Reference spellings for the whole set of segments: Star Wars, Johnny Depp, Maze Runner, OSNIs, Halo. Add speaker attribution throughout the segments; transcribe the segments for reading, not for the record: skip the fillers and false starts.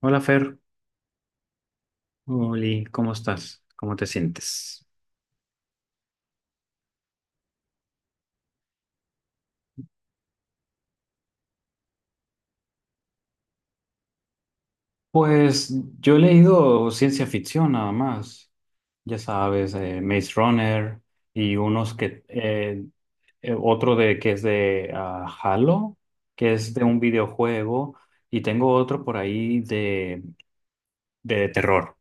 Speaker 1: Hola Fer, Oli, ¿cómo estás? ¿Cómo te sientes? Pues yo he leído ciencia ficción nada más, ya sabes, Maze Runner y unos que, otro de que es de Halo, que es de un videojuego, y tengo otro por ahí de terror.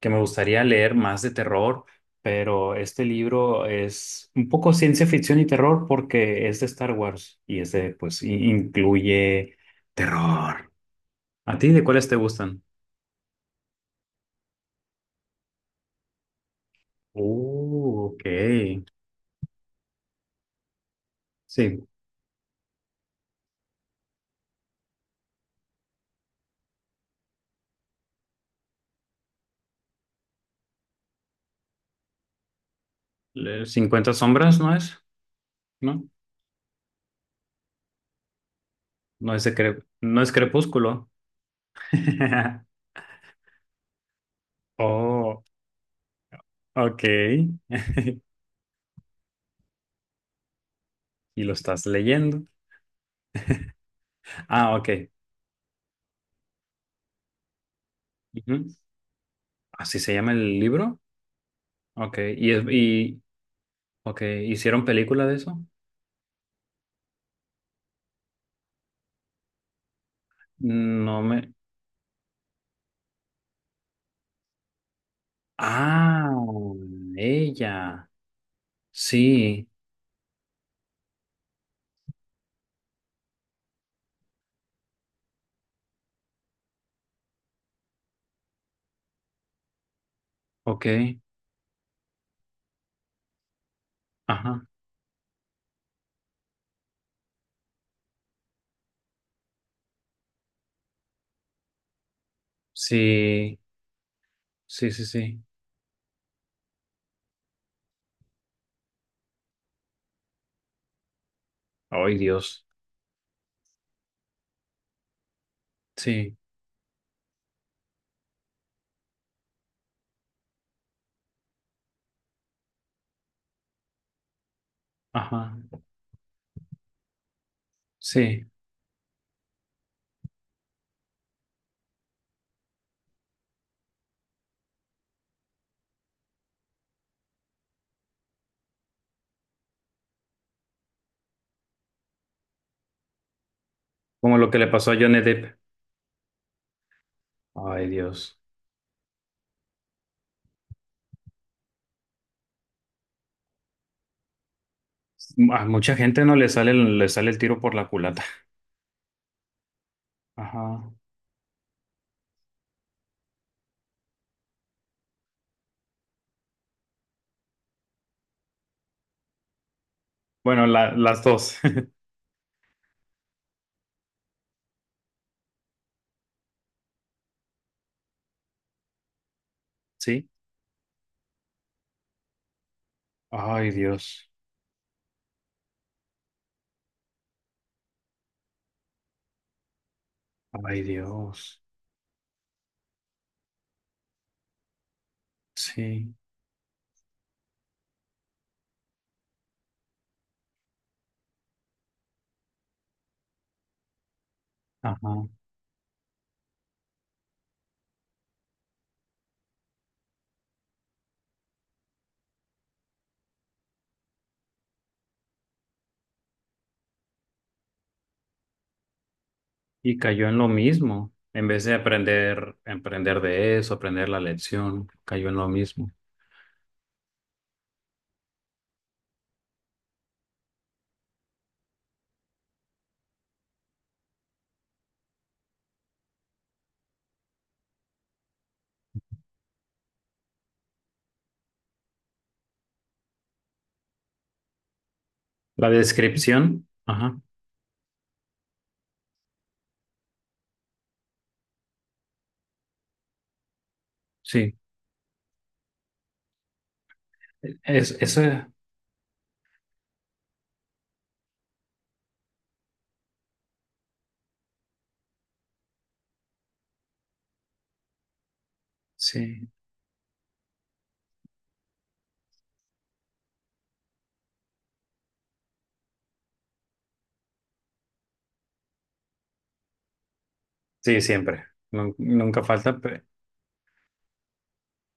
Speaker 1: Que me gustaría leer más de terror, pero este libro es un poco ciencia ficción y terror porque es de Star Wars y es de, pues, incluye terror. ¿A ti de cuáles te gustan? Ok. Sí, 50 sombras, ¿no es? ¿No? No es no es Crepúsculo. Oh, ok. Y lo estás leyendo. Ah, ok. Ujú. ¿Así se llama el libro? Ok. Ok, ¿hicieron película de eso? No me... Ah, ella. Sí, ok. Ajá. Sí, sí, sí, sí. Ay, Dios. Sí, ajá. Sí, como lo que le pasó a Johnny Depp. Ay, Dios. A mucha gente no le sale, le sale el tiro por la culata. Ajá. Bueno, las dos. Sí. Ay, Dios. Ay, Dios. Sí. Ajá. Y cayó en lo mismo. En vez de aprender, aprender de eso, aprender la lección, cayó en lo mismo. La descripción, ajá, sí. Es, eso, sí. Sí, siempre. Nunca falta.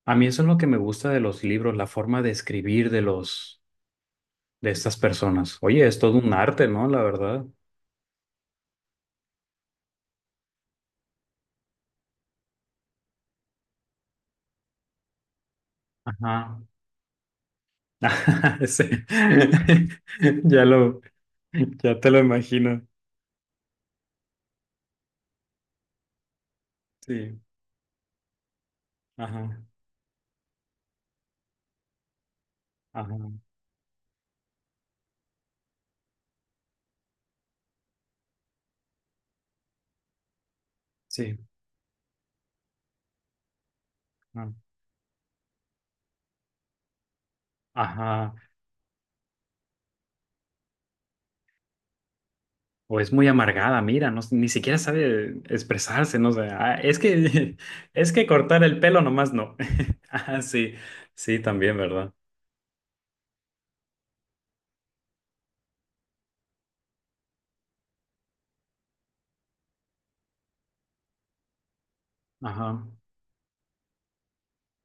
Speaker 1: A mí eso es lo que me gusta de los libros, la forma de escribir de los, de estas personas. Oye, es todo un arte, ¿no? La verdad. Ajá. Sí. Ya lo, ya te lo imagino. Sí. Ajá. Ajá. Sí. ah, Ajá. O es muy amargada, mira, no, ni siquiera sabe expresarse, no sé. Ah, es que, es que cortar el pelo nomás no. Ah, sí, sí, también, ¿verdad? Ajá.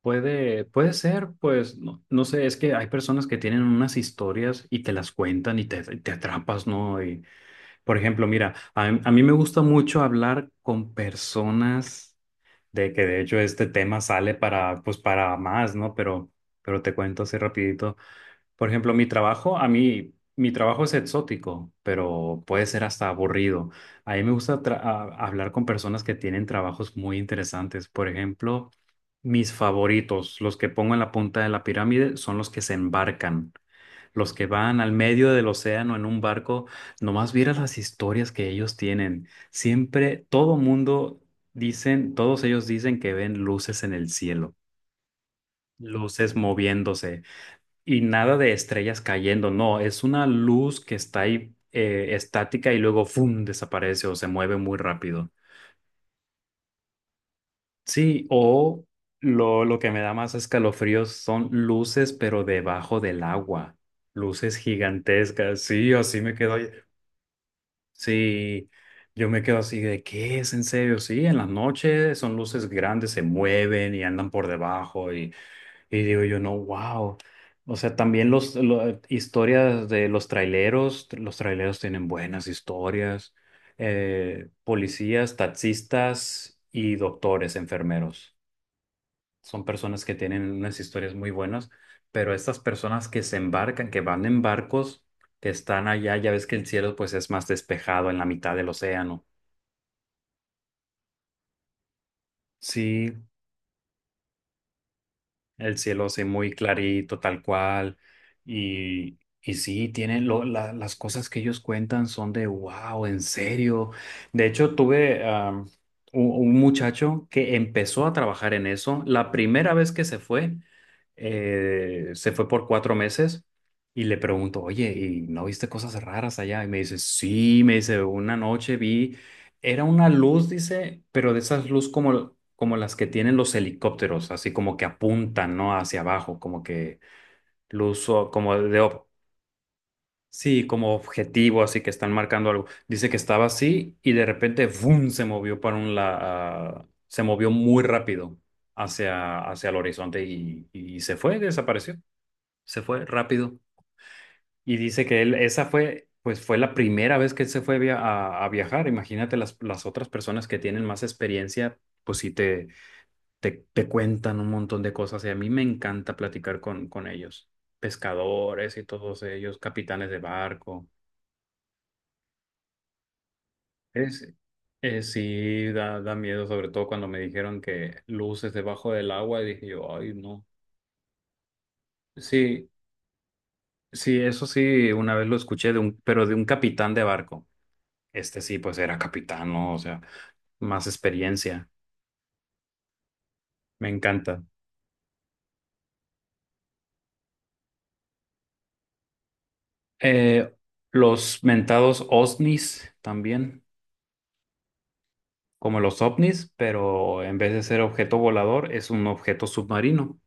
Speaker 1: Puede ser, pues, no, no sé, es que hay personas que tienen unas historias y te las cuentan y te atrapas, ¿no? Y, por ejemplo, mira, a mí me gusta mucho hablar con personas de que de hecho este tema sale para, pues, para más, ¿no? Pero te cuento así rapidito. Por ejemplo, mi trabajo, a mí, mi trabajo es exótico, pero puede ser hasta aburrido. A mí me gusta hablar con personas que tienen trabajos muy interesantes. Por ejemplo, mis favoritos, los que pongo en la punta de la pirámide, son los que se embarcan, los que van al medio del océano en un barco. Nomás vieras las historias que ellos tienen. Siempre, todo mundo dicen, todos ellos dicen que ven luces en el cielo, luces moviéndose. Y nada de estrellas cayendo, no, es una luz que está ahí estática y luego ¡fum! Desaparece o se mueve muy rápido. Sí, o lo que me da más escalofríos son luces, pero debajo del agua. Luces gigantescas, sí, así me quedo. Sí, yo me quedo así de ¿qué es en serio? Sí, en las noches son luces grandes, se mueven y andan por debajo. Y digo yo, no, wow. O sea, también historias de los traileros tienen buenas historias, policías, taxistas y doctores, enfermeros. Son personas que tienen unas historias muy buenas, pero estas personas que se embarcan, que van en barcos, que están allá, ya ves que el cielo pues es más despejado en la mitad del océano. Sí, el cielo sí, muy clarito, tal cual. Y sí, tienen las cosas que ellos cuentan son de wow, en serio. De hecho, tuve un muchacho que empezó a trabajar en eso. La primera vez que se fue por cuatro meses y le pregunto, oye, ¿y no viste cosas raras allá? Y me dice, sí, me dice, una noche vi. Era una luz, dice, pero de esas luz como las que tienen los helicópteros, así como que apuntan, ¿no? Hacia abajo, como que luz como de, sí, como objetivo, así que están marcando algo. Dice que estaba así y de repente, ¡vum! Se movió para un lado, se movió muy rápido hacia el horizonte y se fue, desapareció, se fue rápido. Y dice que él, esa fue, pues fue la primera vez que él se fue a viajar. Imagínate las otras personas que tienen más experiencia, pues sí te cuentan un montón de cosas. Y a mí me encanta platicar con ellos, pescadores y todos ellos, capitanes de barco. Es, es sí, da miedo, sobre todo cuando me dijeron que luces debajo del agua, y dije yo, ay, no. Sí, sí, eso sí, una vez lo escuché de un, pero de un capitán de barco. Este sí, pues era capitán, ¿no? O sea, más experiencia. Me encanta. Eh, los mentados OSNIs también, como los OVNIs, pero en vez de ser objeto volador, es un objeto submarino.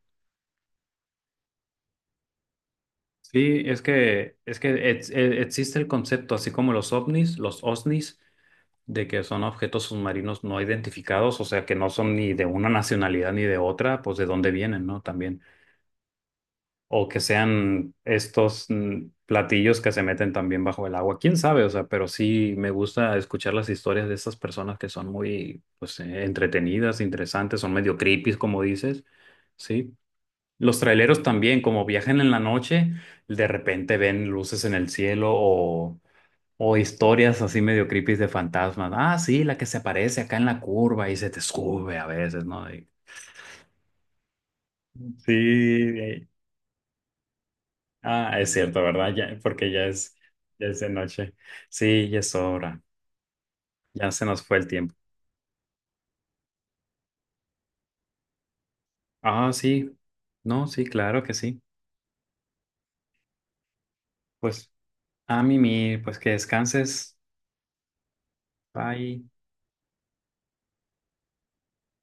Speaker 1: Sí, es que existe el concepto, así como los OVNIs, los OSNIs, de que son objetos submarinos no identificados, o sea, que no son ni de una nacionalidad ni de otra, pues de dónde vienen, ¿no? También. O que sean estos platillos que se meten también bajo el agua. ¿Quién sabe? O sea, pero sí me gusta escuchar las historias de estas personas que son muy, pues, entretenidas, interesantes, son medio creepy, como dices, ¿sí? Los traileros también, como viajan en la noche, de repente ven luces en el cielo o historias así medio creepy de fantasmas. Ah, sí, la que se aparece acá en la curva y se te sube a veces, ¿no? Sí, ah, es cierto, ¿verdad? Ya, porque ya es de noche. Sí, ya es hora. Ya se nos fue el tiempo. Ah, sí. No, sí, claro que sí. Pues a mimir, pues que descanses. Bye.